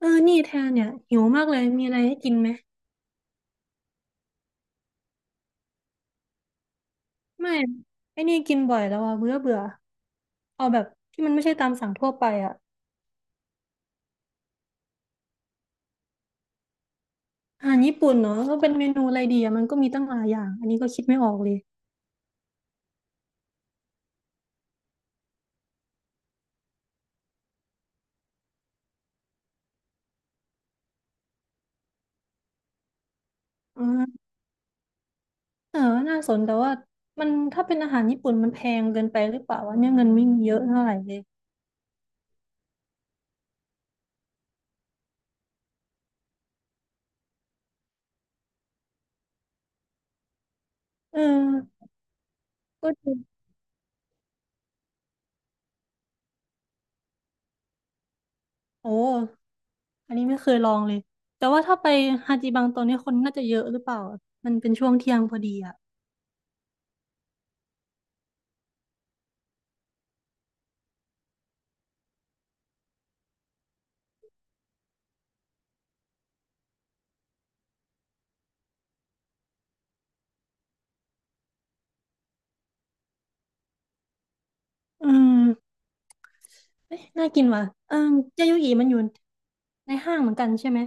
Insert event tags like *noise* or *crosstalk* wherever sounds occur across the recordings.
เออนี่แทนเนี่ยหิวมากเลย มีอะไรให้กินไหม ไม่ไอ้นี่กินบ่อยแล้วอ่ะเบื่อเบื่อเอาแบบที่มันไม่ใช่ตามสั่งทั่วไปอ่ะอาหารญี่ปุ่นเนาะก็เป็นเมนูอะไรดีอ่ะมันก็มีตั้งหลายอย่างอันนี้ก็คิดไม่ออกเลยอ่าเออน่าสนแต่ว่ามันถ้าเป็นอาหารญี่ปุ่นมันแพงเกินไปหรือเปล่าวะเนี่ยเงินไม่มีเยอะเท่าไหร่เลยเออก็จริงโอ้อันนี้ไม่เคยลองเลยแต่ว่าถ้าไปฮาจิบังตอนนี้คนน่าจะเยอะหรือเปล่าอะมันเป็นช่วงเที่ยงพอดีอ่ะอืม เอะน่ากินว่ะเออเจยุหยีมันอยู่ในห้างเหมือนกันใช่ไหม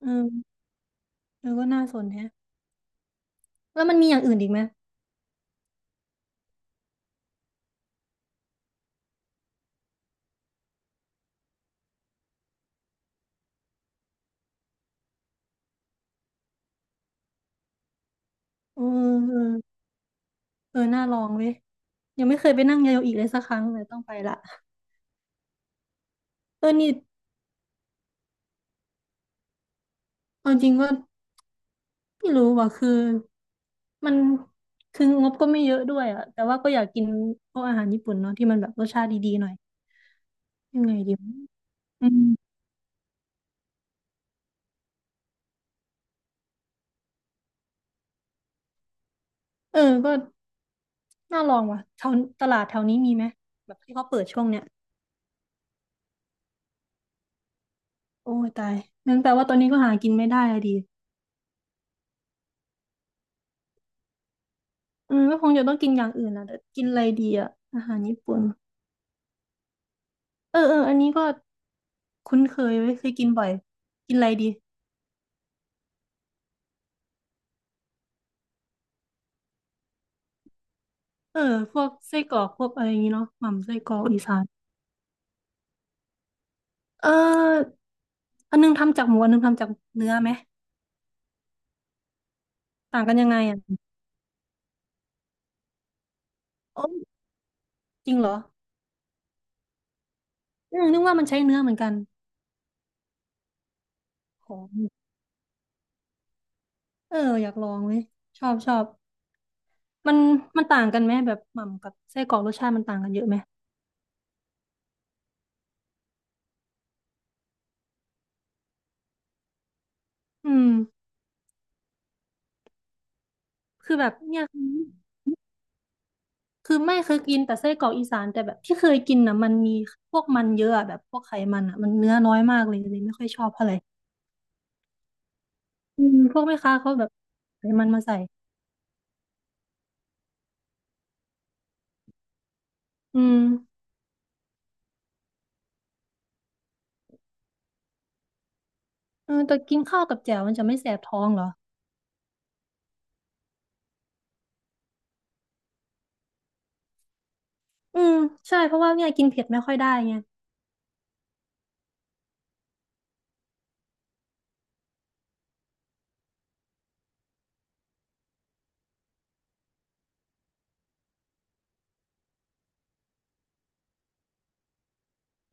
เออเออก็น่าสนแฮะแล้วมันมีอย่างอื่นอีกไหมเออเออเออน่าลองเว้ยยังไม่เคยไปนั่งยาโยอิเลยสักครั้งเลยต้องไปละเออนี่เอาจริงก็ไม่รู้ว่ะคือ มันคืองบก็ไม่เยอะด้วยอะแต่ว่าก็อยากกินพวกอาหารญี่ปุ่นเนาะที่มันแบบรสชาติดีๆหน่อยยังไงดีวะอืมเออก็น่าลองว่ะแถวตลาดแถวนี้มีไหมแบบที่เขาเปิดช่วงเนี้ย โอ้ยตายงั้นแปลว่าตอนนี้ก็หากินไม่ได้อะดีก็คงจะต้องกินอย่างอื่นนะแต่กินอะไรดีอะอาหารญี่ปุ่นเออเอออันนี้ก็คุ้นเคยไว้ยเคยกินบ่อยกินอะไรดีเออพวกไส้กรอกพวกอะไรอย่างงี้เนาะหม่ำไส้กรอกอีสานเอออันนึงทำจากหมูอันนึงทำจากเนื้อไหมต่างกันยังไงอ่ะออจริงเหรอนึกว่ามันใช้เนื้อเหมือนกันโหเอออยากลองเว้ยชอบชอบมันมันต่างกันไหมแบบหม่ำกับไส้กรอกรสชาติมันต่างกันเยอะไหมอืม คือแบบเนี่ยคือไม่เคยกินแต่ไส้กรอกอีสานแต่แบบที่เคยกินน่ะมันมีพวกมันเยอะอะแบบพวกไขมันอ่ะมันเนื้อน้อยมากเลยเลยไม่ค่อยชอบเท่าไหร่พวกแม่ค้าเขาแบบไขมันมาใส่อืมเออแต่กินข้าวกับแจ่วมันจะไม่แสบท้องเหรออืมใช่เพราะว่าเนี่ยกินเผ็ดไม่ค่อยได้ไง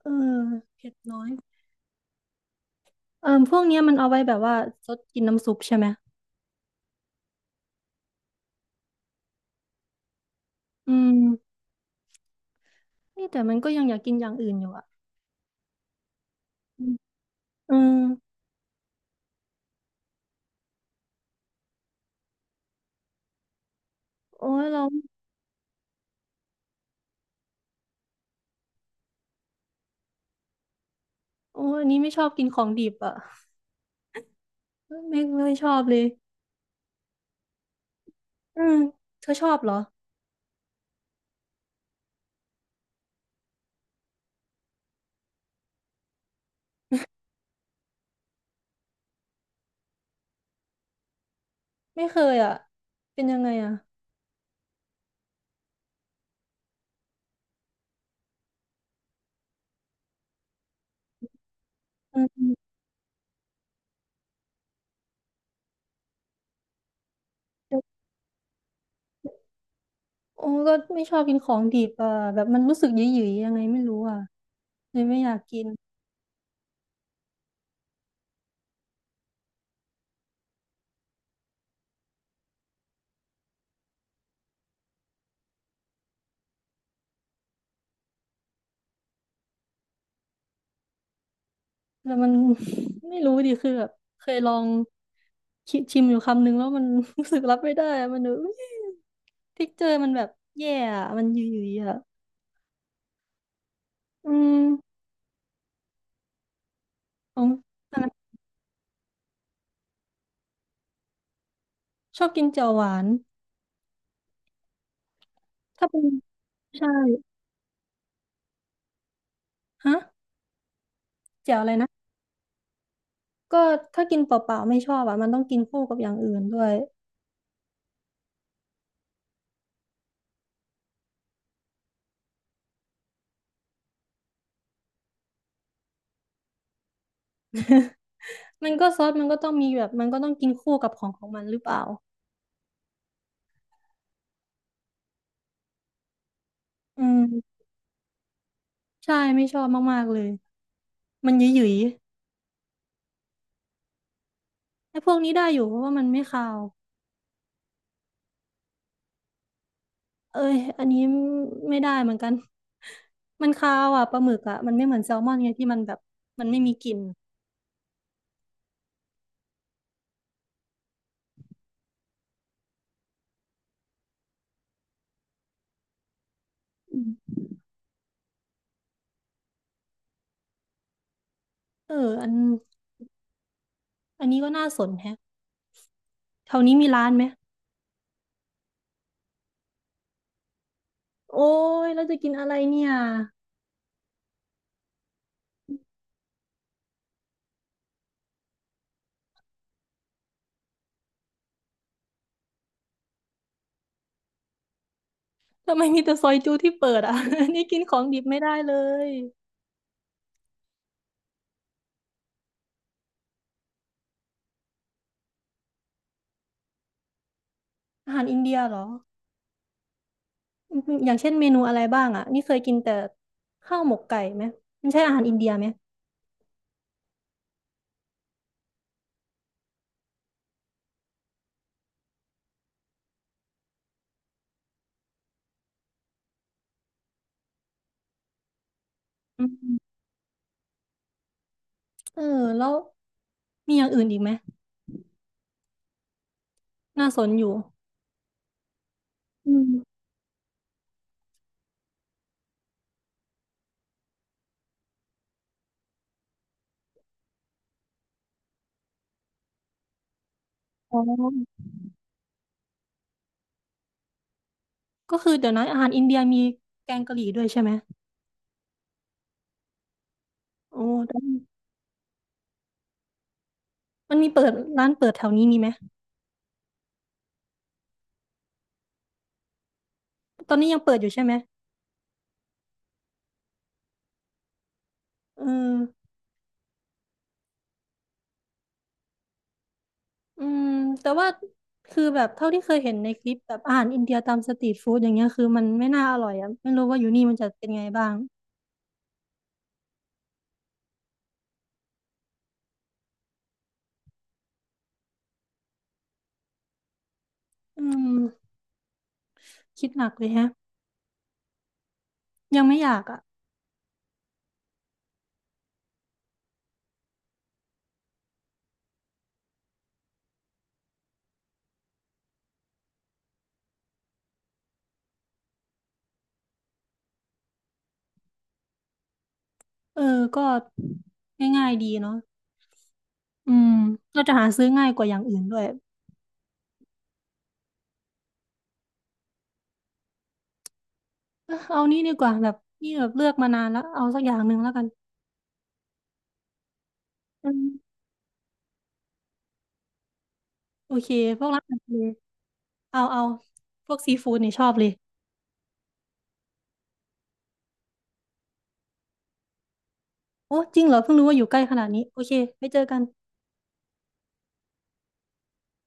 เออเผ็ดน้อยเออพวกเนี้ยมันเอาไว้แบบว่าซดกินน้ำซุปใช่ไหมอืมนี่แต่มันก็ยังอยากกินอย่างอื่นอยู่อ่ะอืมเโอ้ยเราโอ้ยอันนี้ไม่ชอบกินของดิบอ่ะ ไม่ไม่ชอบเลยอืมเธอชอบเหรอไม่เคยอ่ะเป็นยังไงอ่ะอืมโอ้ก็ไม่ชอบกินของดิบอ่ะแบบมันรู้สึกหยิ่ยๆยังไงไม่รู้อ่ะเลยไม่อยากกินแล้วมัน *laughs* ไม่รู้ดิคือแบบเคยลองคิดชิมอยู่คำนึงแล้วมัน *laughs* รู้สึกรับไม่ได้อะมันดบบทิกเจอร์มันแบบแย่อะมันหยิ่ยๆอ่ะอืมของชอบกินแจ่วหวานถ้าเป็นใช่ฮะแจ่วอะไรนะ ก็ถ้ากินเปล่าๆไม่ชอบอ่ะมันต้องกินคู่กับอย่างอื่นด้วย *laughs* มันก็ซอสมันก็ต้องมีแบบมันก็ต้องกินคู่กับของของมันหรือเปล่าอืมใช่ไม่ชอบมากๆเลยมันหยุ่ยๆไอ้พวกนี้ได้อยู่เพราะว่ามันไม่คาวเอ้ยอันนี้ไม่ได้เหมือนกัน *laughs* มันคาวอ่ะปลาหมึกอ่ะมันไม่เหมือนแซลมอนไงที่มันแบบมันไม่มีกลิ่นอืมเอออันอันนี้ก็น่าสนแฮะแถวนี้มีร้านไหมโอ้ยเราจะกินอะไรเนี่ย ทำไมมีแต่ซอยจูที่เปิดอ่ะ *laughs* นี่กินของดิบไม่ได้เลย อาหารอินเดียเหรออย่างเช่นเมนูอะไรบ้างอ่ะนี่เคยกินแต่ข้าวหมกไก่ไหมมันใช่อาหารอินเดียไหมอืมเออแล้วมีอย่างอื่นอีกไหมน่าสนอยู่อืมอ๋อก็คือเดี๋ยวนะอาหารอินเดียมีแกงกะหรี่ด้วยใช่ไหมโอ้แต่มันมีเปิดร้านเปิดแถวนี้มีไหมตอนนี้ยังเปิดอยู่ใช่ไหมเออ อืมแต่ว่าคือแบบเท่าที่เคยเห็นในคลิปแบบอาหารอินเดียตามสตรีทฟู้ดอย่างเงี้ยคือมันไม่น่าอร่อยอ่ะไม่รู้ว่าอยู่นี่มันจะเป็นไงบ้างอืมคิดหนักเลยแฮะยังไม่อยากอ่ะเออก็ง่ายๆดีเนาะอืมเราจะหาซื้อง่ายกว่าอย่างอื่นด้วยเอ้อเอานี่ดีกว่าแบบนี่แบบเลือกมานานแล้วเอาสักอย่างหนึ่งแล้วกันอืมโอเคพวกร้านอาหารทะเลเอาพวกซีฟู้ดนี่ชอบเลยโอ้จริงเหรอเพิ่งรู้ว่าอยู่ใกล้ขนาดนี้โอเคไปเจอกัน